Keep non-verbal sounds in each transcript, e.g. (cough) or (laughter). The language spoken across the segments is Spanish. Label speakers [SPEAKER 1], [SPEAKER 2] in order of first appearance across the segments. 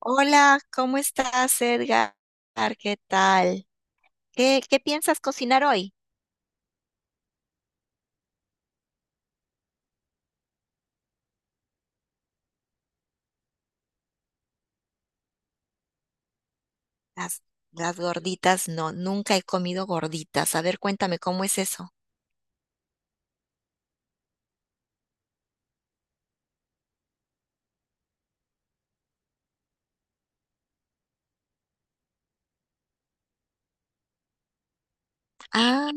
[SPEAKER 1] Hola, ¿cómo estás, Edgar? ¿Qué tal? ¿Qué piensas cocinar hoy? Las, las gorditas, no, nunca he comido gorditas. A ver, cuéntame cómo es eso. Ah,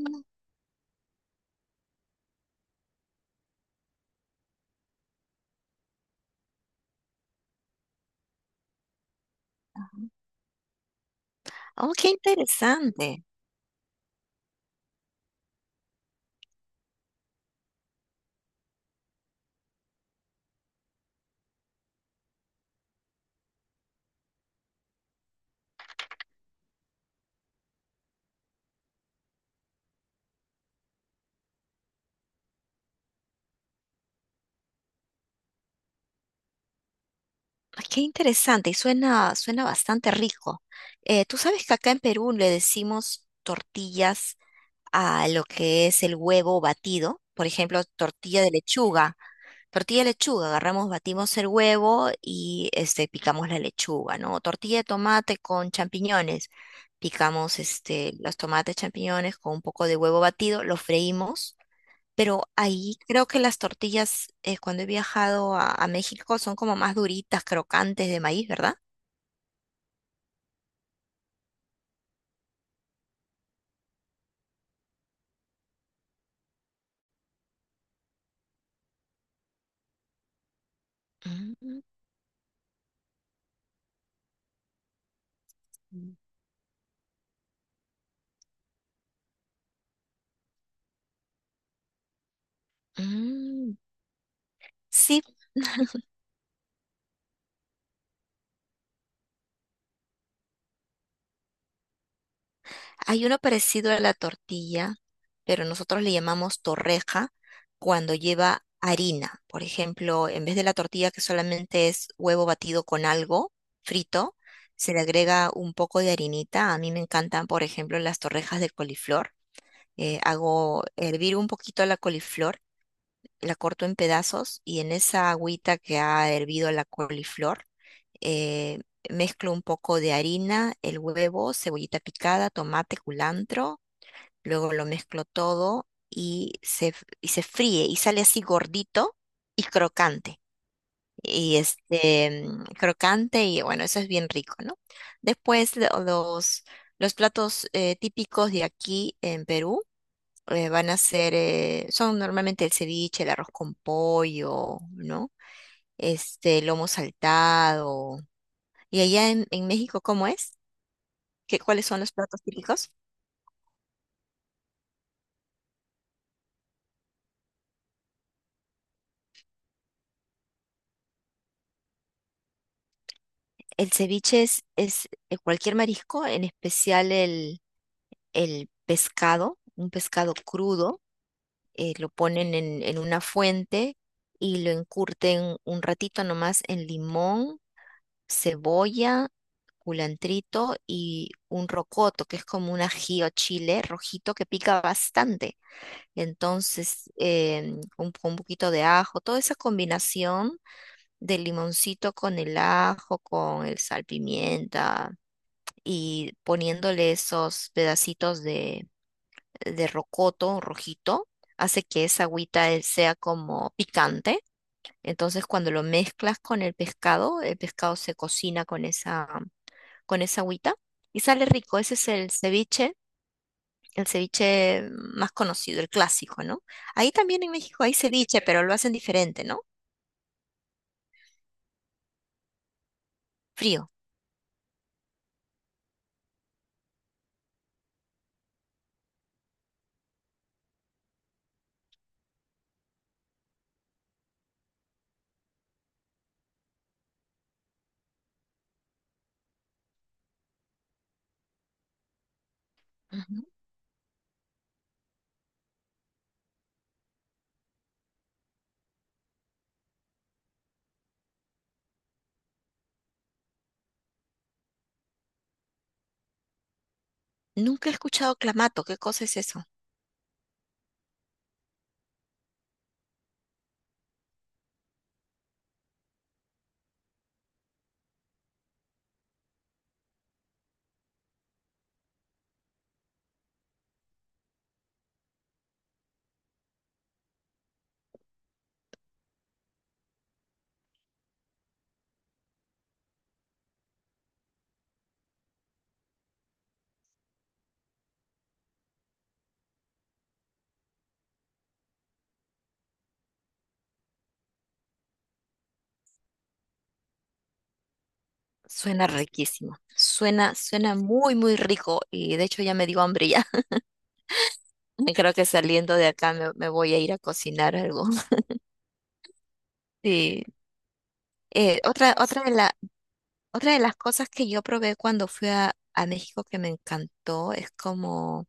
[SPEAKER 1] oh, qué interesante. Ah, qué interesante y suena, suena bastante rico. Tú sabes que acá en Perú le decimos tortillas a lo que es el huevo batido, por ejemplo, tortilla de lechuga. Tortilla de lechuga, agarramos, batimos el huevo y este, picamos la lechuga, ¿no? Tortilla de tomate con champiñones. Picamos este, los tomates, champiñones con un poco de huevo batido, lo freímos, pero ahí creo que las tortillas, cuando he viajado a México, son como más duritas, crocantes de maíz, ¿verdad? Mm, mm. Sí, hay uno parecido a la tortilla, pero nosotros le llamamos torreja cuando lleva harina. Por ejemplo, en vez de la tortilla que solamente es huevo batido con algo frito, se le agrega un poco de harinita. A mí me encantan, por ejemplo, las torrejas de coliflor. Hago hervir un poquito la coliflor, la corto en pedazos y en esa agüita que ha hervido la coliflor, eh, mezclo un poco de harina, el huevo, cebollita picada, tomate, culantro, luego lo mezclo todo y y se fríe y sale así gordito y crocante. Y este, mm, crocante y bueno, eso es bien rico, ¿no? Después los platos típicos de aquí en Perú son normalmente el ceviche, el arroz con pollo, ¿no? Este, lomo saltado. ¿Y allá en México cómo es? ¿Qué, cuáles son los platos típicos? El ceviche es, es cualquier marisco, en especial el pescado, un pescado crudo, lo ponen en una fuente y lo encurten un ratito nomás en limón, cebolla, culantrito y un rocoto, que es como un ají o chile rojito que pica bastante. Entonces, con un poquito de ajo, toda esa combinación del limoncito con el ajo, con el salpimienta y poniéndole esos pedacitos de rocoto rojito, hace que esa agüita sea como picante. Entonces, cuando lo mezclas con el pescado se cocina con esa agüita y sale rico. Ese es el ceviche más conocido, el clásico, ¿no? Ahí también en México hay ceviche, pero lo hacen diferente, ¿no? Frío. Ujú. Nunca he escuchado clamato. ¿Qué cosa es eso? Suena riquísimo, suena, suena muy, muy rico y de hecho ya me dio hambre ya. (laughs) Creo que saliendo de acá me voy a ir a cocinar algo. (laughs) Sí. Eh, otra, otra de la, otra de las cosas que yo probé cuando fui a México que me encantó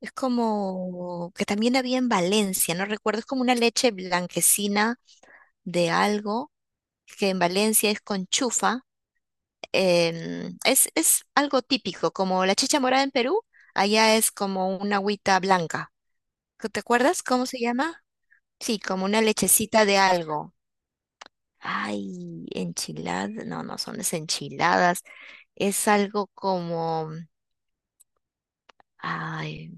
[SPEAKER 1] es como que también había en Valencia, no recuerdo, es como una leche blanquecina de algo que en Valencia es con chufa, em, es algo típico, como la chicha morada en Perú, allá es como una agüita blanca. ¿Te acuerdas cómo se llama? Sí, como una lechecita de algo. Ay, enchiladas, no, no son las enchiladas, es algo como, ay,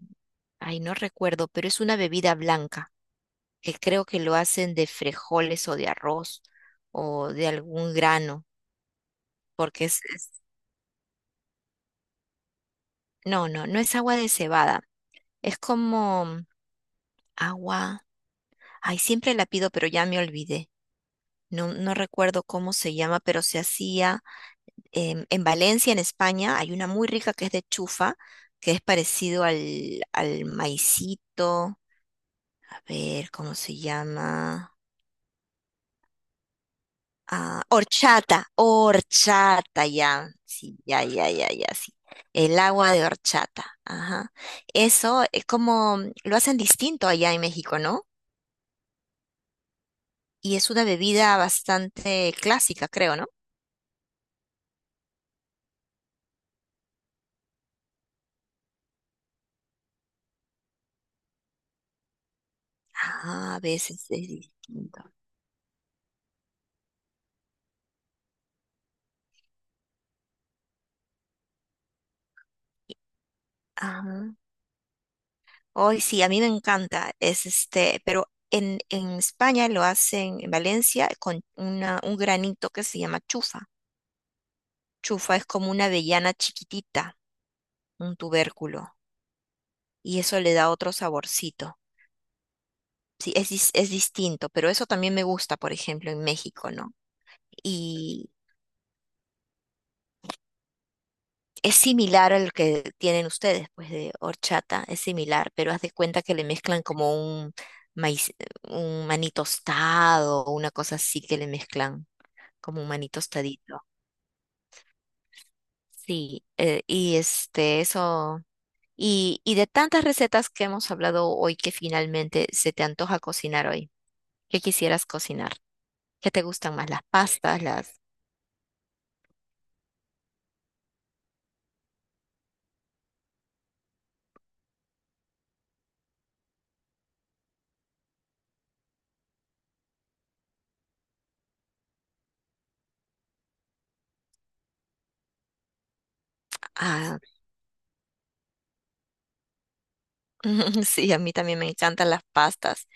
[SPEAKER 1] ay, no recuerdo, pero es una bebida blanca, que creo que lo hacen de frijoles o de arroz o de algún grano, porque no, no, no es agua de cebada, es como agua. Ay, siempre la pido, pero ya me olvidé. No, no recuerdo cómo se llama, pero se hacía em, en Valencia, en España. Hay una muy rica que es de chufa, que es parecido al maicito. A ver, ¿cómo se llama? Ah, horchata, horchata, ya. Sí, ya, ya, ya, ya, sí. El agua de horchata. Ajá. Eso es como lo hacen distinto allá en México, ¿no? Y es una bebida bastante clásica, creo, ¿no? Ah, a veces es distinto. Ajá. Hoy sí, a mí me encanta. Es este, pero en España lo hacen en Valencia con una, un granito que se llama chufa. Chufa es como una avellana chiquitita, un tubérculo, y eso le da otro saborcito. Sí, es distinto, pero eso también me gusta, por ejemplo, en México, ¿no? Es similar a lo que tienen ustedes, pues de horchata, es similar, pero haz de cuenta que le mezclan como un maíz, un maní tostado o una cosa así que le mezclan, como un maní tostadito. Sí, y este, eso, y de tantas recetas que hemos hablado hoy que finalmente se te antoja cocinar hoy, ¿qué quisieras cocinar? ¿Qué te gustan más? Las pastas, las... Ah, (laughs) sí, a mí también me encantan las pastas.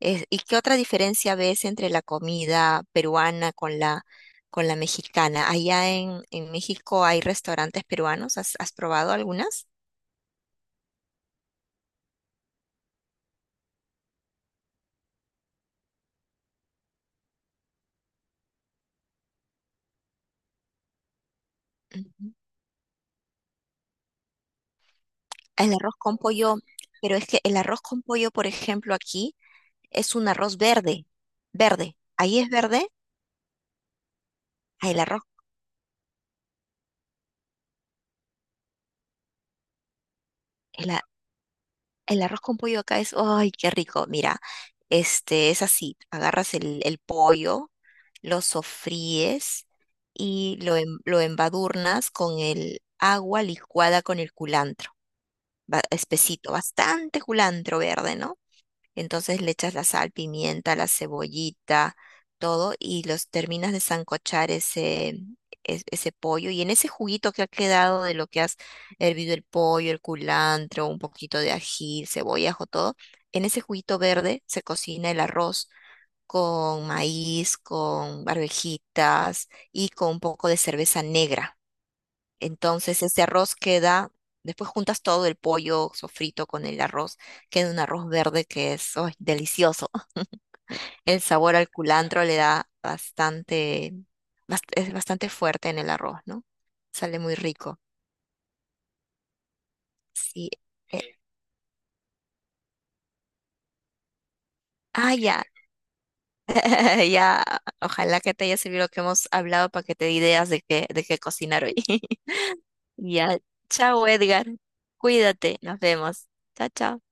[SPEAKER 1] ¿Y qué otra diferencia ves entre la comida peruana con la mexicana? Allá en México hay restaurantes peruanos, ¿has, has probado algunas? Ujú. El arroz con pollo, pero es que el arroz con pollo, por ejemplo, aquí es un arroz verde, verde. Ahí es verde, ah, el arroz, el, a- el arroz con pollo acá es, ¡ay, qué rico! Mira, este es así, agarras el pollo, lo sofríes y lo embadurnas con el agua licuada con el culantro, espesito, bastante culantro verde, ¿no? Entonces le echas la sal, pimienta, la cebollita, todo y los terminas de sancochar ese pollo. Y en ese juguito que ha quedado de lo que has hervido el pollo, el culantro, un poquito de ají, cebolla, ajo, todo, en ese juguito verde se cocina el arroz con maíz, con barbejitas y con un poco de cerveza negra. Entonces ese arroz queda, después juntas todo el pollo sofrito con el arroz, queda un arroz verde que es ¡ay, delicioso! (laughs) El sabor al culantro le da bastante, es bastante fuerte en el arroz, ¿no? Sale muy rico. Sí. Ah, ya, (laughs) ya. Ojalá que te haya servido lo que hemos hablado para que te dé ideas de de qué cocinar hoy. (laughs) Ya. Chao, Edgar. Cuídate. Nos vemos. Chao, chao.